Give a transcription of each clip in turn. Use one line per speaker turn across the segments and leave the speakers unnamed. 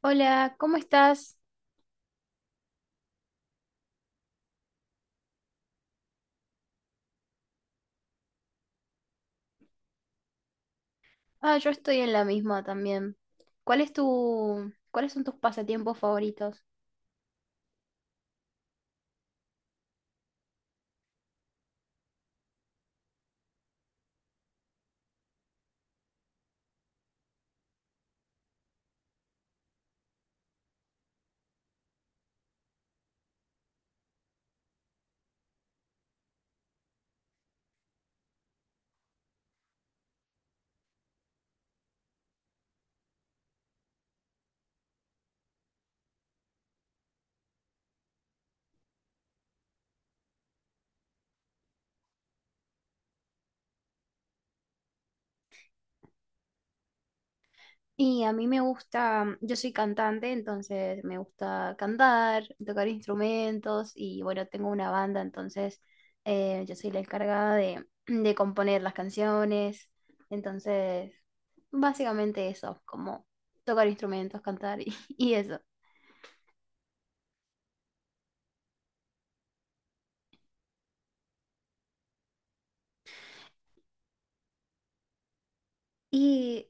Hola, ¿cómo estás? Ah, yo estoy en la misma también. ¿Cuál es cuáles son tus pasatiempos favoritos? Y a mí me gusta, yo soy cantante, entonces me gusta cantar, tocar instrumentos y bueno, tengo una banda, entonces yo soy la encargada de componer las canciones. Entonces, básicamente eso, como tocar instrumentos, cantar y, y eso. Y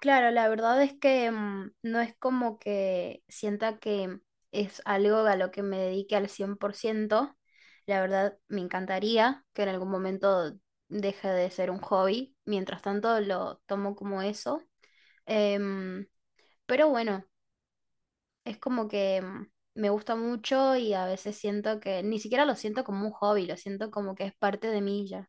claro, la verdad es que no es como que sienta que es algo a lo que me dedique al 100%. La verdad, me encantaría que en algún momento deje de ser un hobby. Mientras tanto, lo tomo como eso. Em, pero bueno, es como que me gusta mucho y a veces siento que ni siquiera lo siento como un hobby, lo siento como que es parte de mí ya.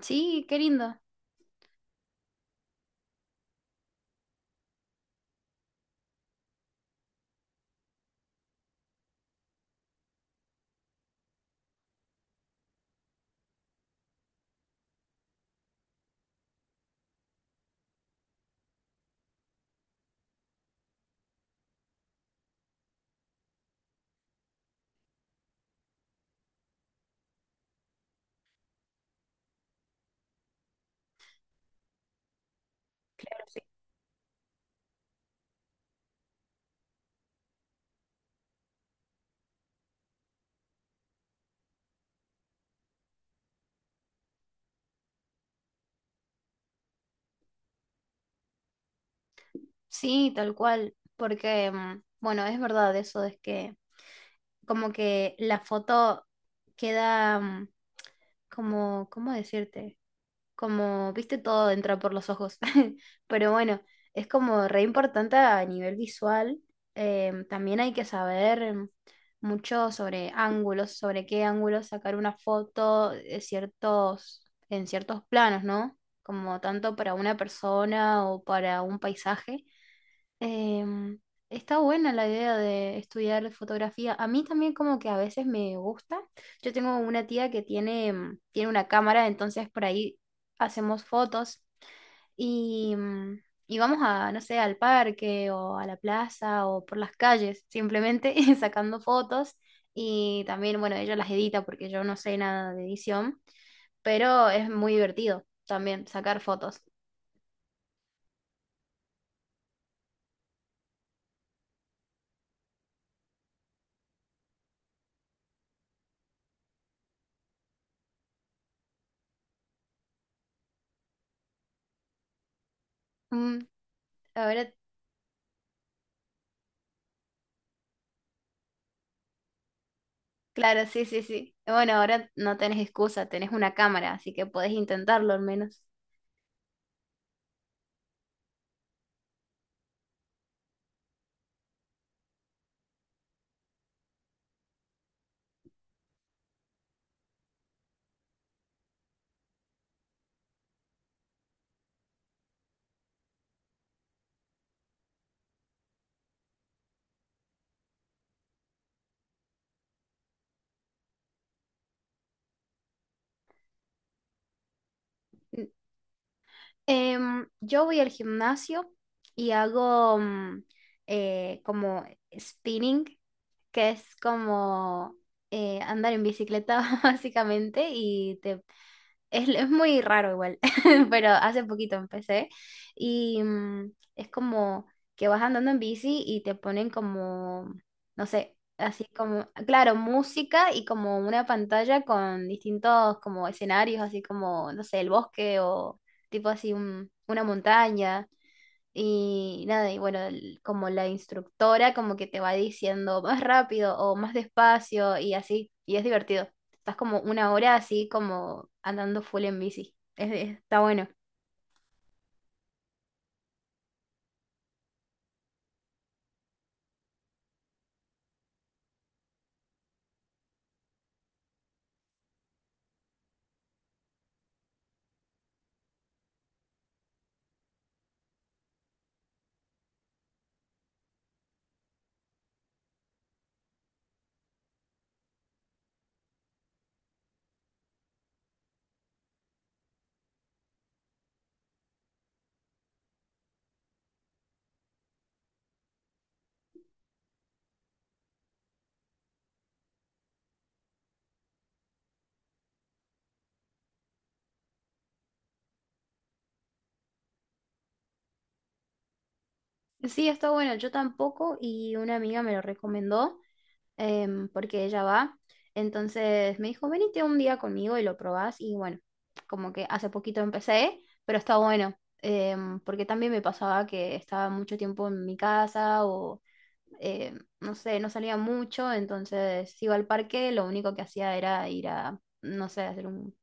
Sí, qué lindo. Sí, tal cual. Porque, bueno, es verdad eso, es que como que la foto queda como, ¿cómo decirte? Como, viste, todo entra por los ojos. Pero bueno, es como re importante a nivel visual. También hay que saber mucho sobre ángulos, sobre qué ángulos sacar una foto de en ciertos planos, ¿no? Como tanto para una persona o para un paisaje. Em, Está buena la idea de estudiar fotografía. A mí también como que a veces me gusta. Yo tengo una tía que tiene una cámara, entonces por ahí hacemos fotos y, y vamos a, no sé, al parque o a la plaza o por las calles, simplemente sacando fotos. Y también, bueno, ella las edita porque yo no sé nada de edición, pero es muy divertido también sacar fotos. Mm, Ahora claro, sí, sí, sí. Bueno, ahora no tenés excusa, tenés una cámara, así que podés intentarlo al menos. N- yo voy al gimnasio y hago como spinning, que es como andar en bicicleta básicamente y te es muy raro igual. Pero hace poquito empecé y es como que vas andando en bici y te ponen como, no sé, así como, claro, música y como una pantalla con distintos como escenarios, así como, no sé, el bosque o tipo así una montaña y nada, y bueno, como la instructora como que te va diciendo más rápido o más despacio y así, y es divertido. Estás como una hora así como andando full en bici. Está bueno. Sí, está bueno, yo tampoco y una amiga me lo recomendó. Em, porque ella va. Entonces me dijo, venite un día conmigo y lo probás. Y bueno, como que hace poquito empecé, pero está bueno, porque también me pasaba que estaba mucho tiempo en mi casa o eh, no sé, no salía mucho, entonces iba al parque, lo único que hacía era ir a, no sé, hacer un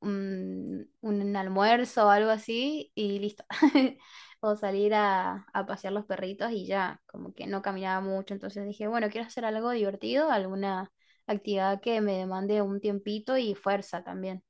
un, un almuerzo o algo así y listo. O salir a pasear los perritos y ya, como que no caminaba mucho, entonces dije, bueno, quiero hacer algo divertido, alguna actividad que me demande un tiempito y fuerza también.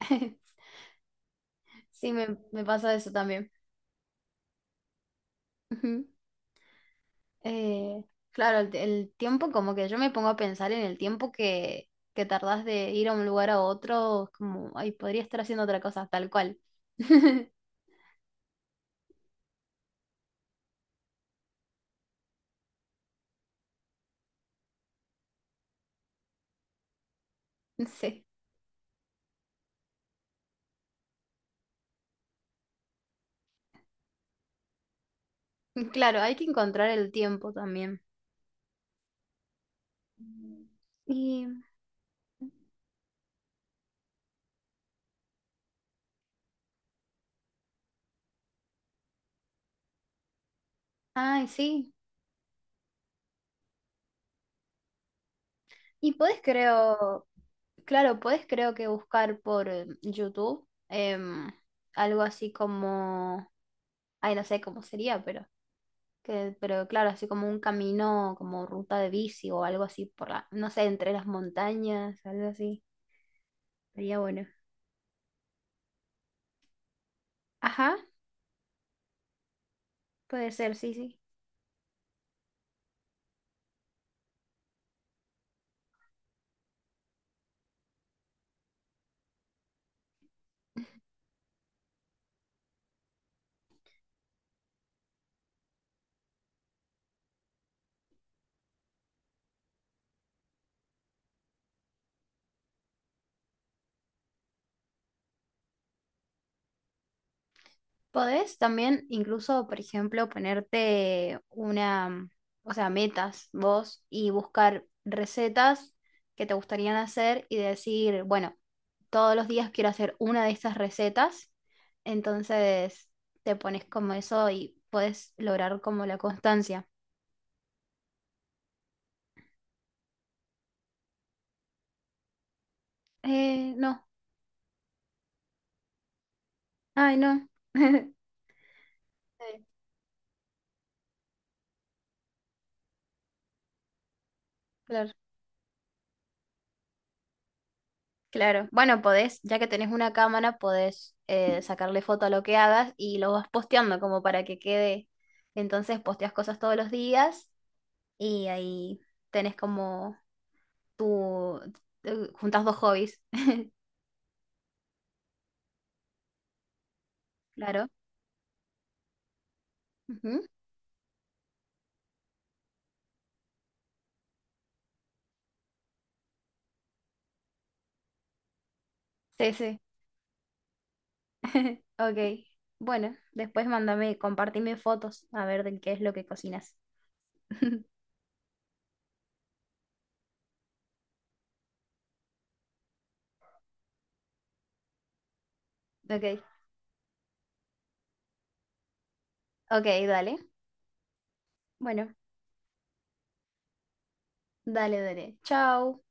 Sí, me pasa eso también. Ujú. Eh, claro, el tiempo, como que yo me pongo a pensar en el tiempo que tardás de ir a un lugar a otro, es como, ay, podría estar haciendo otra cosa, tal cual. Sí. Claro, hay que encontrar el tiempo también. Y, ay, sí. Y podés, creo, claro, podés, creo que buscar por YouTube. Algo así como, ay, no sé cómo sería, pero, que, pero claro, así como un camino, como ruta de bici o algo así por la, no sé, entre las montañas, algo así. Sería bueno. Ajá, puede ser, sí, sí. Podés también incluso, por ejemplo, ponerte una, o sea, metas vos y buscar recetas que te gustarían hacer y decir, bueno, todos los días quiero hacer una de estas recetas. Entonces te pones como eso y puedes lograr como la constancia. No, ay, no. Sí, claro. Claro. Bueno, podés, ya que tenés una cámara, podés sacarle foto a lo que hagas y lo vas posteando como para que quede. Entonces posteas cosas todos los días y ahí tenés como tu, juntas dos hobbies. Claro. Ujú. Sí, sí. Ok. Bueno, después mándame, compartime fotos a ver de qué es lo que cocinas. Ok. Ok, dale. Bueno, dale, dale. Chao.